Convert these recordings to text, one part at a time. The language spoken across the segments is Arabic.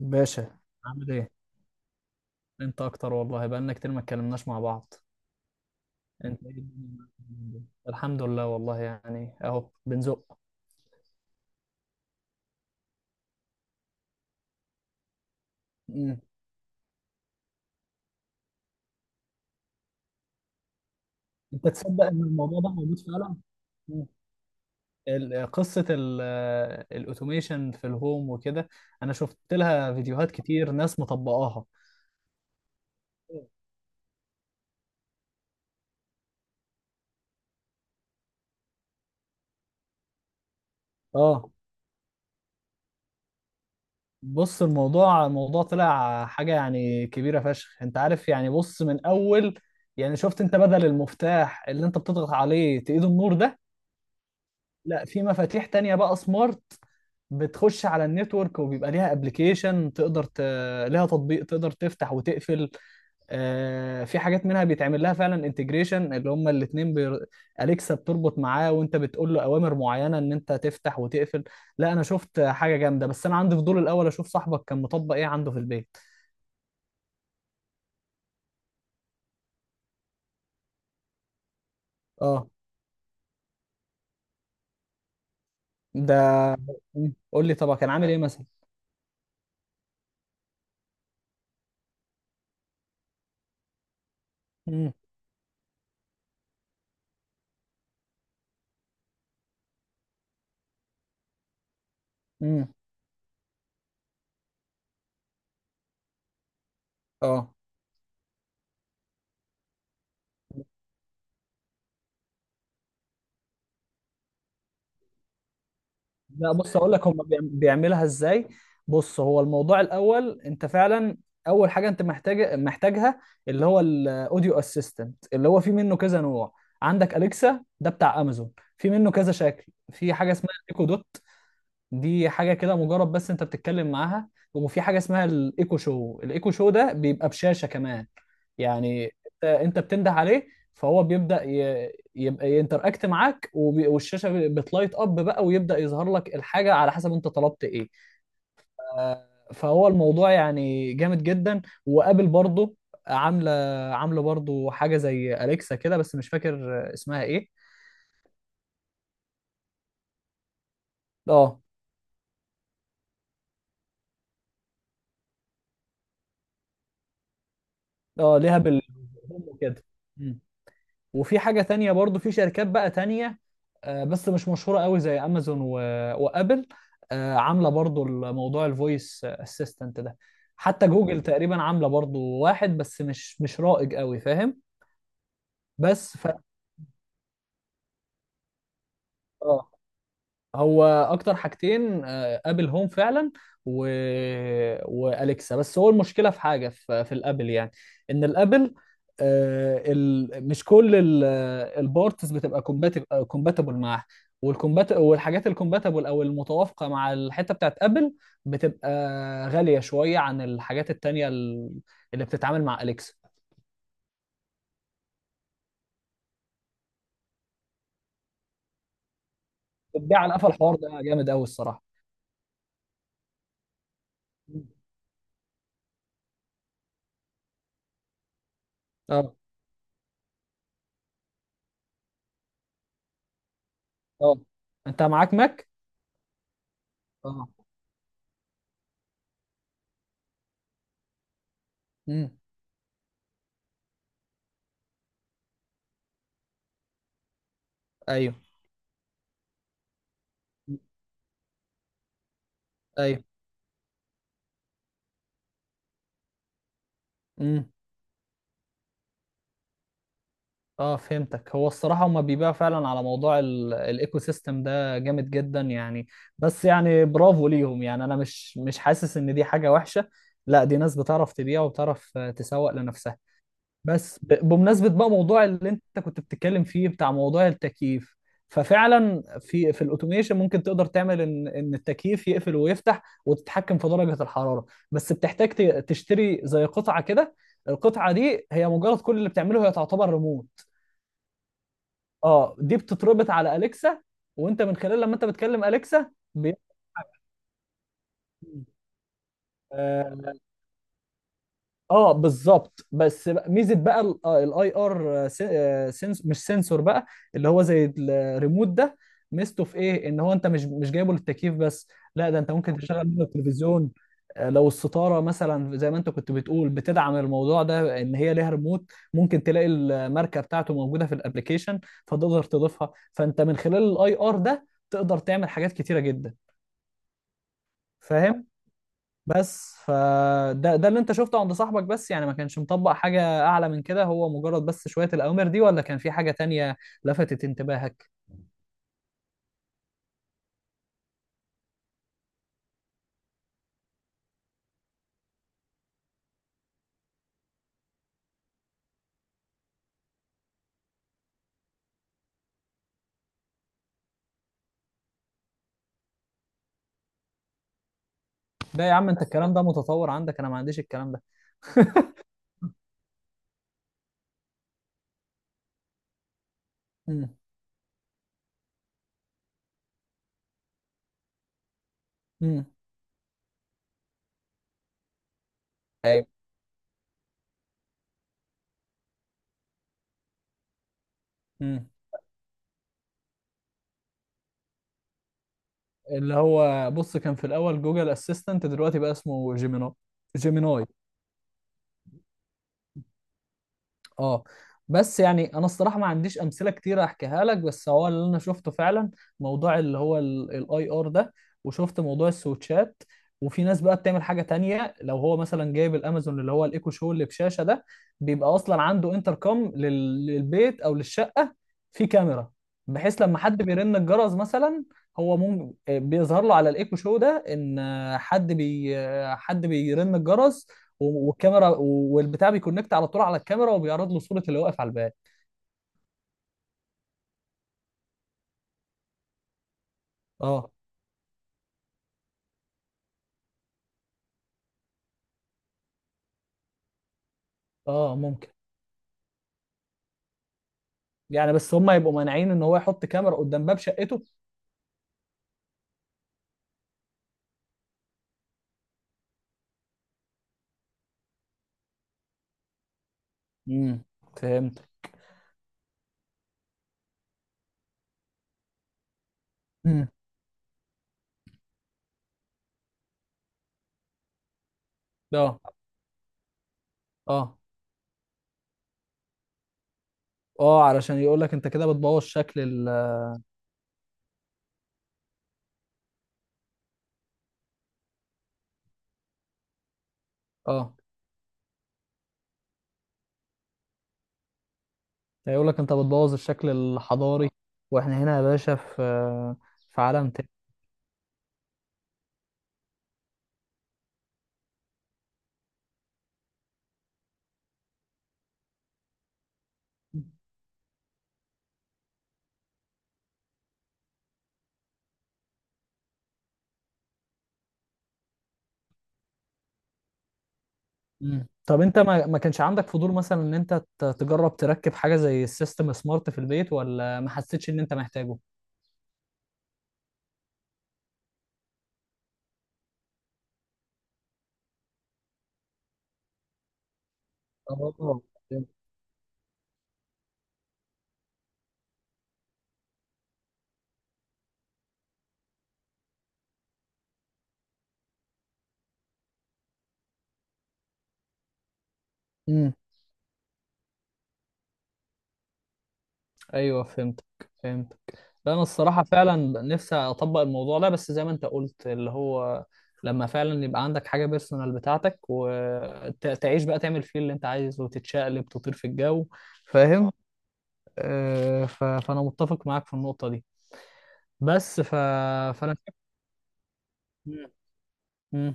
باشا. عامل ايه. انت اكتر والله، بقالنا كتير ما اتكلمناش مع بعض. انت ايه الدنيا معاك اليومين دول؟ الحمد لله والله، يعني اهو بنزق. مم. انت تصدق ان الموضوع ده موجود فعلا. مم. قصة الاوتوميشن في الهوم وكده. انا شفت لها فيديوهات كتير ناس مطبقاها. اه. بص، الموضوع طلع حاجة يعني كبيرة فشخ، انت عارف يعني. بص، من اول يعني، شفت انت بدل المفتاح اللي انت بتضغط عليه تقيد النور ده؟ لا، في مفاتيح تانية بقى سمارت، بتخش على النتورك وبيبقى ليها ابلكيشن ليها تطبيق تقدر تفتح وتقفل. في حاجات منها بيتعمل لها فعلا انتجريشن، اللي هما الاتنين اليكسا بتربط معاه، وانت بتقول له اوامر معينة ان انت تفتح وتقفل. لا انا شفت حاجة جامدة، بس انا عندي فضول الاول اشوف صاحبك كان مطبق ايه عنده في البيت. اه. ده. قول لي طبعا كان عامل ايه مثلا. امم. امم. اه. لا بص اقول لك هم بيعملها ازاي. بص، هو الموضوع الاول انت فعلا، اول حاجه انت محتاجها، اللي هو الاوديو اسيستنت، اللي هو في منه كذا نوع. عندك اليكسا ده بتاع امازون، في منه كذا شكل، في حاجه اسمها ايكو دوت، دي حاجه كده مجرد بس انت بتتكلم معاها، وفي حاجه اسمها الايكو شو، الايكو شو ده بيبقى بشاشه كمان يعني. انت بتنده عليه، فهو يبقى ينتراكت معاك، وب... والشاشه بتلايت اب بقى، ويبدا يظهر لك الحاجه على حسب انت طلبت ايه. آه، فهو الموضوع يعني جامد جدا، وقابل برضه، عامله، عامله برضه حاجه زي اليكسا كده، بس مش فاكر اسمها ايه. اه. اه ليها بالهوم وكده. وفي حاجة تانية برضو، في شركات بقى تانية، بس مش مشهورة قوي زي أمازون وأبل، عاملة برضو الموضوع الفويس اسيستنت ده. حتى جوجل تقريبا عاملة برضو واحد، بس مش رائج قوي، فاهم؟ بس ف اه، هو اكتر حاجتين ابل هوم فعلا و واليكسا بس هو المشكله في حاجه في الابل يعني، ان الابل مش كل البارتس بتبقى كومباتبل معاها. والكومبات والحاجات الكومباتبل او المتوافقه مع الحته بتاعت ابل بتبقى غاليه شويه عن الحاجات التانيه اللي بتتعامل مع اليكسا. بتبيع على قفا، الحوار ده جامد قوي الصراحه. اه. اه، انت معاك ماك؟ اه. امم. ايوه، ايوه. امم. اه فهمتك. هو الصراحه هما بيبيعوا فعلا على موضوع الايكو سيستم ده جامد جدا يعني. بس يعني برافو ليهم، يعني انا مش حاسس ان دي حاجه وحشه، لا دي ناس بتعرف تبيع وبتعرف تسوق لنفسها. بس بمناسبة بقى موضوع اللي انت كنت بتتكلم فيه بتاع موضوع التكييف، ففعلا في الاوتوميشن ممكن تقدر تعمل ان التكييف يقفل ويفتح، وتتحكم في درجة الحرارة. بس تشتري زي قطعة كده، القطعة دي هي مجرد كل اللي بتعمله هي تعتبر ريموت. اه، دي بتتربط على اليكسا، وانت من خلال لما انت بتكلم اليكسا آه، اه بالظبط. بس بقى، ميزه بقى الاي ار، سنس، مش سنسور بقى، اللي هو زي الريموت ده، ميزته في ايه؟ ان هو انت مش جايبه للتكييف بس، لا ده انت ممكن تشغل منه التلفزيون. لو الستاره مثلا زي ما انت كنت بتقول بتدعم الموضوع ده، ان هي ليها ريموت، ممكن تلاقي الماركه بتاعته موجوده في الابليكيشن، فتقدر تضيفها، فانت من خلال الاي ار ده تقدر تعمل حاجات كتيره جدا، فاهم؟ بس فده ده اللي انت شفته عند صاحبك؟ بس يعني ما كانش مطبق حاجة اعلى من كده؟ هو مجرد بس شوية الاوامر دي، ولا كان في حاجة تانية لفتت انتباهك؟ ده يا عم انت الكلام ده متطور عندك، انا ما عنديش الكلام ده. امم. امم. أيوة. امم. اللي هو بص، كان في الاول جوجل اسيستنت، دلوقتي بقى اسمه جيميناي، جيميناي. اه. بس يعني انا الصراحه ما عنديش امثله كتير احكيها لك، بس هو اللي انا شفته فعلا موضوع اللي هو الاي ار ده، وشفت موضوع السويتشات. وفي ناس بقى بتعمل حاجه تانية، لو هو مثلا جايب الامازون اللي هو الايكو شو اللي بشاشه ده، بيبقى اصلا عنده انتركم للبيت او للشقه، في كاميرا، بحيث لما حد بيرن الجرس مثلا، هو ممكن بيظهر له على الايكو شو ده ان حد بي حد بيرن الجرس، و والكاميرا والبتاع بيكونكت على طول على الكاميرا، وبيعرض له صورة اللي واقف على الباب. اه. اه ممكن. يعني بس هم يبقوا مانعين ان هو يحط كاميرا قدام باب شقته؟ امم. فهمت. امم. اه. اه. اه، علشان يقول لك انت كده بتبوظ شكل ال... اه، هيقول لك انت بتبوظ الشكل الحضاري. واحنا هنا يا باشا في، في عالم تاني. طب انت ما كانش عندك فضول مثلا ان انت تجرب تركب حاجة زي السيستم سمارت في البيت، ولا ما حسيتش ان انت محتاجه؟ اه. امم. ايوه فهمتك، فهمتك. لا انا الصراحه فعلا نفسي اطبق الموضوع ده، بس زي ما انت قلت اللي هو، لما فعلا يبقى عندك حاجه بيرسونال بتاعتك، وتعيش بقى تعمل فيه اللي انت عايزه، وتتشقلب تطير في الجو، فاهم؟ فانا متفق معاك في النقطه دي. بس ف... فانا شايف، مم.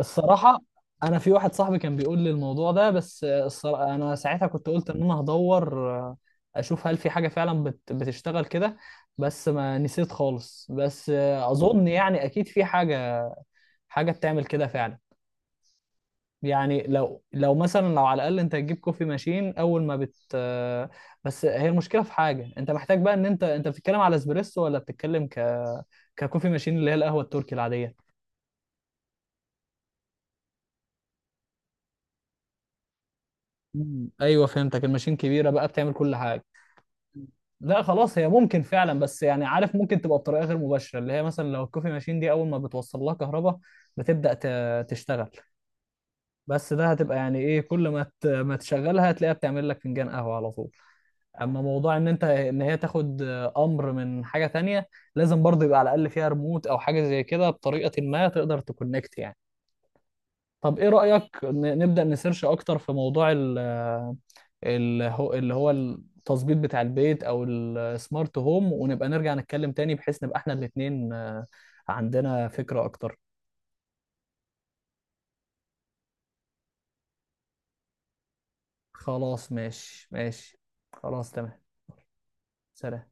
الصراحة أنا في واحد صاحبي كان بيقول لي الموضوع ده، بس الصراحة أنا ساعتها كنت قلت إن أنا هدور أشوف هل في حاجة فعلا بتشتغل كده، بس ما نسيت خالص. بس أظن يعني أكيد في حاجة، حاجة بتعمل كده فعلا. يعني لو مثلا لو على الأقل أنت تجيب كوفي ماشين، أول ما بت آه، بس هي المشكلة في حاجة أنت محتاج بقى، إن أنت بتتكلم على اسبريسو، ولا بتتكلم ككوفي ماشين اللي هي القهوة التركي العادية. أيوه فهمتك، الماشين كبيرة بقى بتعمل كل حاجة. لا خلاص، هي ممكن فعلا، بس يعني عارف ممكن تبقى بطريقه غير مباشره، اللي هي مثلا لو الكوفي ماشين دي اول ما بتوصل لها كهرباء تشتغل. بس ده هتبقى يعني ايه، كل ما ما تشغلها هتلاقيها بتعمل لك فنجان قهوه على طول. اما موضوع ان ان هي تاخد امر من حاجه تانية، لازم برضه يبقى على الاقل فيها ريموت او حاجه زي كده بطريقه ما، تقدر تكونكت يعني. طب ايه رايك نبدا نسيرش اكتر في موضوع اللي هو التظبيط بتاع البيت او السمارت هوم، ونبقى نرجع نتكلم تاني بحيث نبقى احنا الاتنين عندنا فكرة اكتر؟ خلاص، ماشي ماشي. خلاص، تمام. سلام.